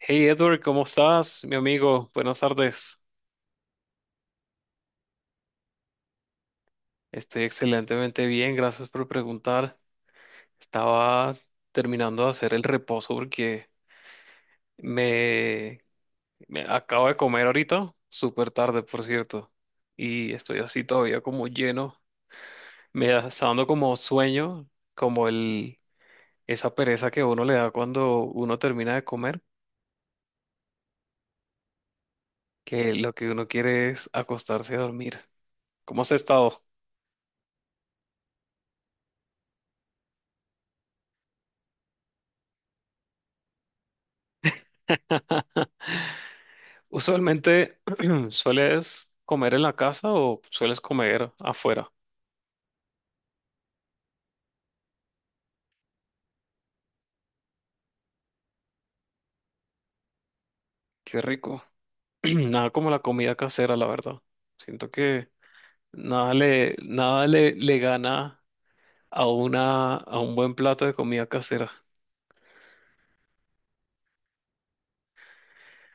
Hey Edward, ¿cómo estás, mi amigo? Buenas tardes. Estoy excelentemente bien, gracias por preguntar. Estaba terminando de hacer el reposo porque me, me acabo de comer ahorita, súper tarde, por cierto, y estoy así todavía como lleno. Está dando como sueño, como el, esa pereza que uno le da cuando uno termina de comer, que lo que uno quiere es acostarse a dormir. ¿Cómo has estado? Usualmente, ¿sueles comer en la casa o sueles comer afuera? Qué rico. Nada como la comida casera, la verdad. Siento que nada le, le gana a a un buen plato de comida casera.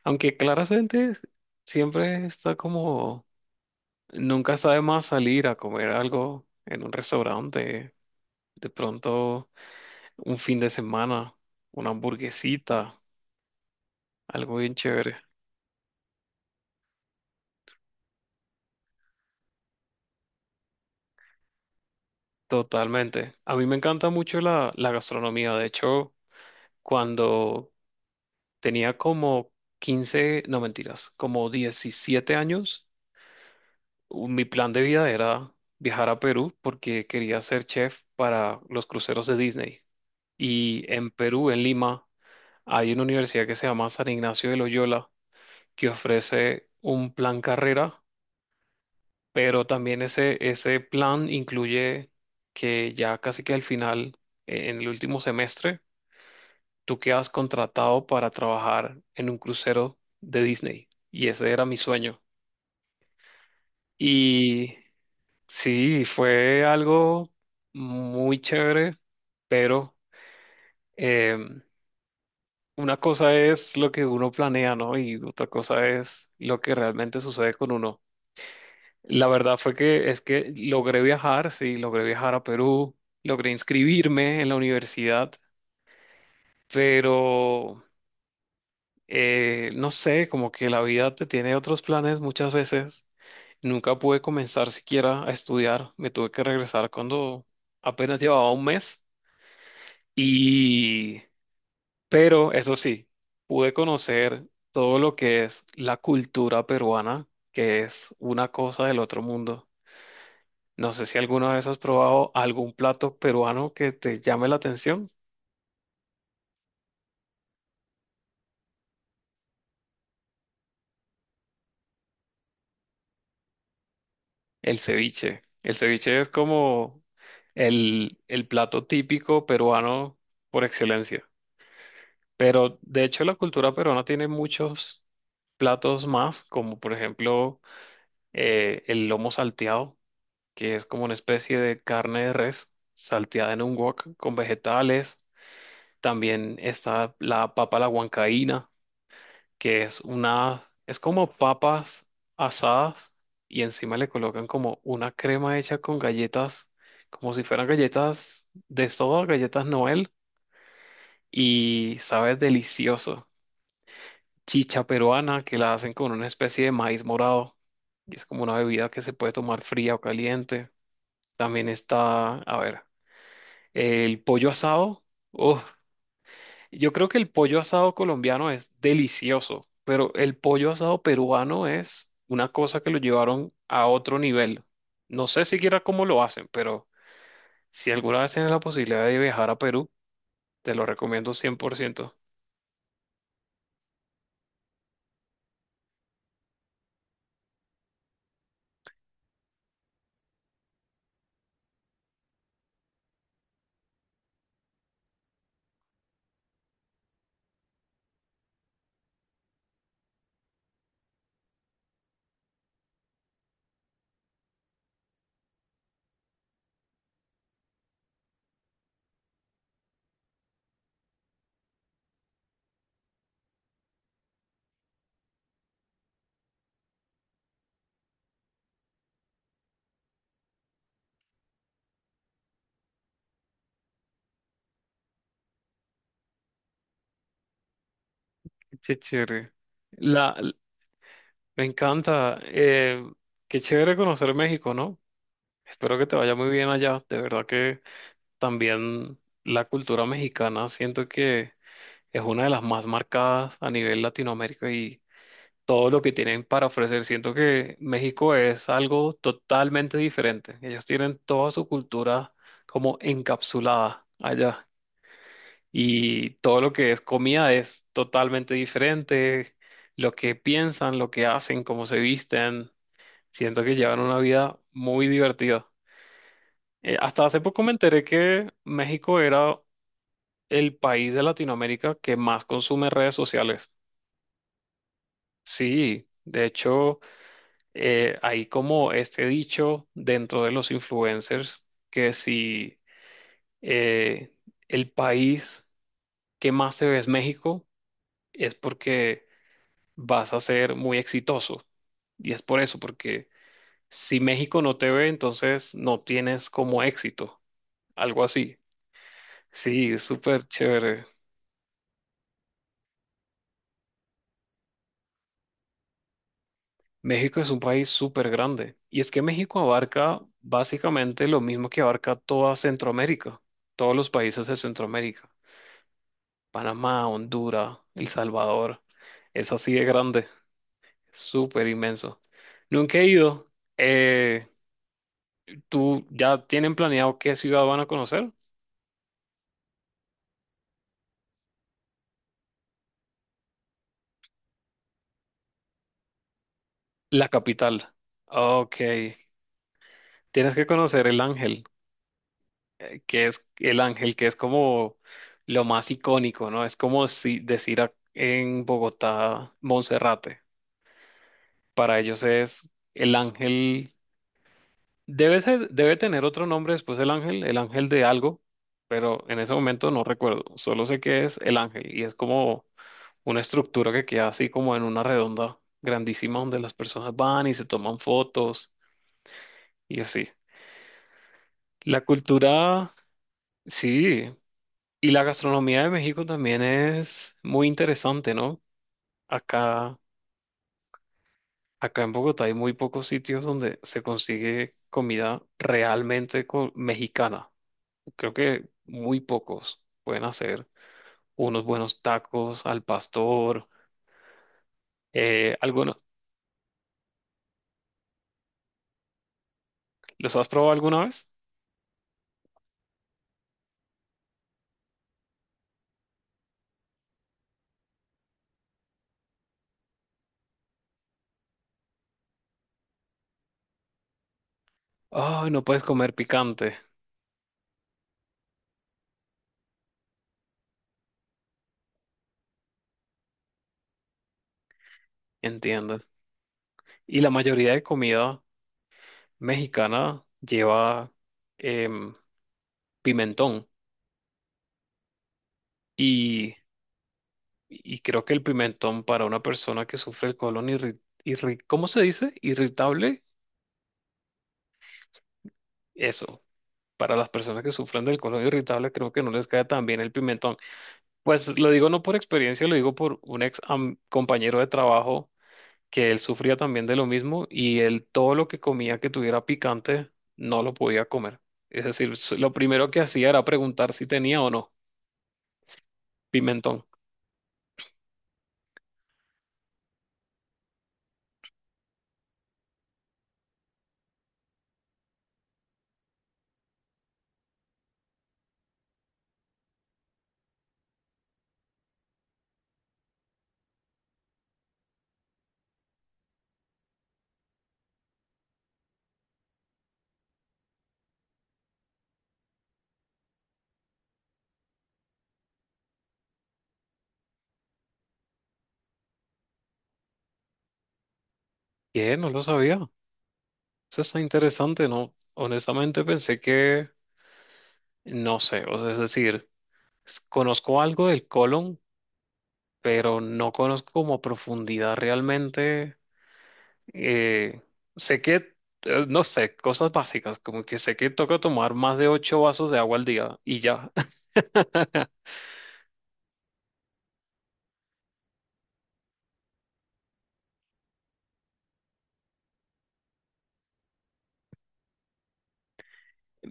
Aunque claramente siempre está como, nunca sabe más salir a comer algo en un restaurante. De pronto, un fin de semana, una hamburguesita, algo bien chévere. Totalmente. A mí me encanta mucho la gastronomía. De hecho, cuando tenía como 15, no mentiras, como 17 años, mi plan de vida era viajar a Perú porque quería ser chef para los cruceros de Disney. Y en Perú, en Lima, hay una universidad que se llama San Ignacio de Loyola que ofrece un plan carrera, pero también ese plan incluye que ya casi que al final, en el último semestre, tú que has contratado para trabajar en un crucero de Disney. Y ese era mi sueño. Y sí, fue algo muy chévere, pero em, una cosa es lo que uno planea, ¿no? Y otra cosa es lo que realmente sucede con uno. La verdad fue que es que logré viajar, sí, logré viajar a Perú, logré inscribirme en la universidad, pero no sé, como que la vida te tiene otros planes muchas veces. Nunca pude comenzar siquiera a estudiar. Me tuve que regresar cuando apenas llevaba 1 mes. Y, pero eso sí, pude conocer todo lo que es la cultura peruana, que es una cosa del otro mundo. No sé si alguna vez has probado algún plato peruano que te llame la atención. El ceviche. El ceviche es como el plato típico peruano por excelencia. Pero de hecho la cultura peruana tiene muchos platos más, como por ejemplo el lomo salteado, que es como una especie de carne de res salteada en un wok con vegetales. También está la papa a la huancaína que es una, es como papas asadas y encima le colocan como una crema hecha con galletas, como si fueran galletas de soda, galletas Noel, y sabe delicioso. Chicha peruana que la hacen con una especie de maíz morado y es como una bebida que se puede tomar fría o caliente. También está, a ver, el pollo asado. Uf, yo creo que el pollo asado colombiano es delicioso, pero el pollo asado peruano es una cosa que lo llevaron a otro nivel. No sé siquiera cómo lo hacen, pero si alguna vez tienes la posibilidad de viajar a Perú, te lo recomiendo 100%. Qué chévere. La, l- Me encanta. Qué chévere conocer México, ¿no? Espero que te vaya muy bien allá. De verdad que también la cultura mexicana siento que es una de las más marcadas a nivel Latinoamérica y todo lo que tienen para ofrecer. Siento que México es algo totalmente diferente. Ellos tienen toda su cultura como encapsulada allá y todo lo que es comida es totalmente diferente. Lo que piensan, lo que hacen, cómo se visten. Siento que llevan una vida muy divertida. Hasta hace poco me enteré que México era el país de Latinoamérica que más consume redes sociales. Sí, de hecho. Hay como este dicho dentro de los influencers que si eh, el país que más se ve es México, es porque vas a ser muy exitoso. Y es por eso, porque si México no te ve, entonces no tienes como éxito, algo así. Sí, es súper chévere. México es un país súper grande. Y es que México abarca básicamente lo mismo que abarca toda Centroamérica, todos los países de Centroamérica. Panamá, Honduras, El Salvador. Es así de grande, súper inmenso. Nunca he ido. Eh, ¿Tú ya tienen planeado qué ciudad van a conocer? La capital. Ok. Tienes que conocer el Ángel, que es el Ángel, que es como lo más icónico, ¿no? Es como si decir en Bogotá, Monserrate. Para ellos es el Ángel. Debe tener otro nombre después el ángel de algo, pero en ese momento no recuerdo. Solo sé que es el ángel y es como una estructura que queda así como en una redonda grandísima donde las personas van y se toman fotos y así. La cultura, sí, y la gastronomía de México también es muy interesante, ¿no? Acá, acá en Bogotá hay muy pocos sitios donde se consigue comida realmente mexicana. Creo que muy pocos pueden hacer unos buenos tacos al pastor. Algunos, ¿los has probado alguna vez? Ay, no puedes comer picante, entiendo. Y la mayoría de comida mexicana lleva em, pimentón. Y, y creo que el pimentón para una persona que sufre el colon ¿cómo se dice? Irritable, eso. Para las personas que sufren del colon irritable, creo que no les cae tan bien el pimentón. Pues lo digo no por experiencia, lo digo por un ex compañero de trabajo que él sufría también de lo mismo y él todo lo que comía que tuviera picante no lo podía comer. Es decir, lo primero que hacía era preguntar si tenía o no pimentón. ¿Qué? No lo sabía. Eso está interesante, ¿no? Honestamente pensé que no sé, o sea, es decir, conozco algo del colon, pero no conozco como a profundidad realmente. Eh, Sé que, no sé, cosas básicas, como que sé que toca tomar más de 8 vasos de agua al día y ya.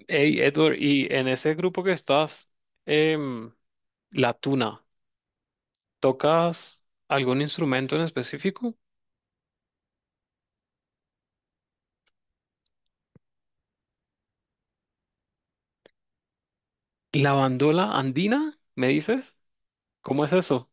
Hey, Edward, y en ese grupo que estás, em, la tuna, ¿tocas algún instrumento en específico? ¿La bandola andina? ¿Me dices? ¿Cómo es eso?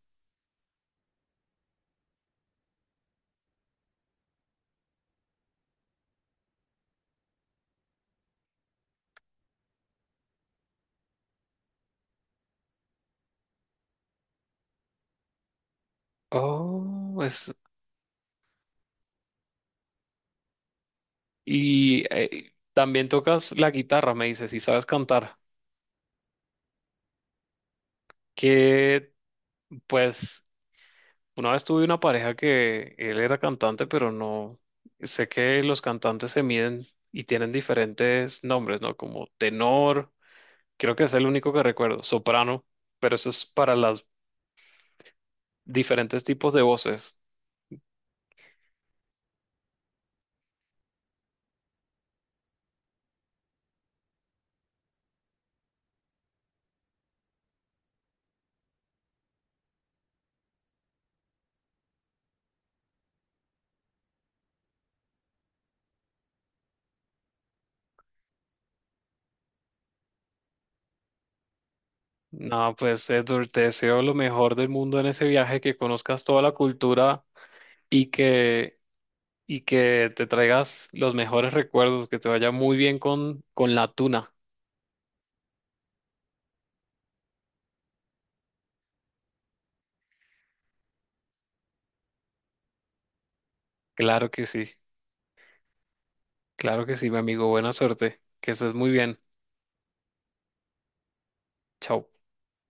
Oh, es... Y también tocas la guitarra, me dices, y sabes cantar. Que, pues, una vez tuve una pareja que él era cantante, pero no, sé que los cantantes se miden y tienen diferentes nombres, ¿no? Como tenor, creo que es el único que recuerdo, soprano, pero eso es para los diferentes tipos de voces. No, pues Edward, te deseo lo mejor del mundo en ese viaje, que conozcas toda la cultura y que, y que te traigas los mejores recuerdos, que te vaya muy bien con la tuna. Claro que sí, claro que sí, mi amigo, buena suerte, que estés muy bien. Chao.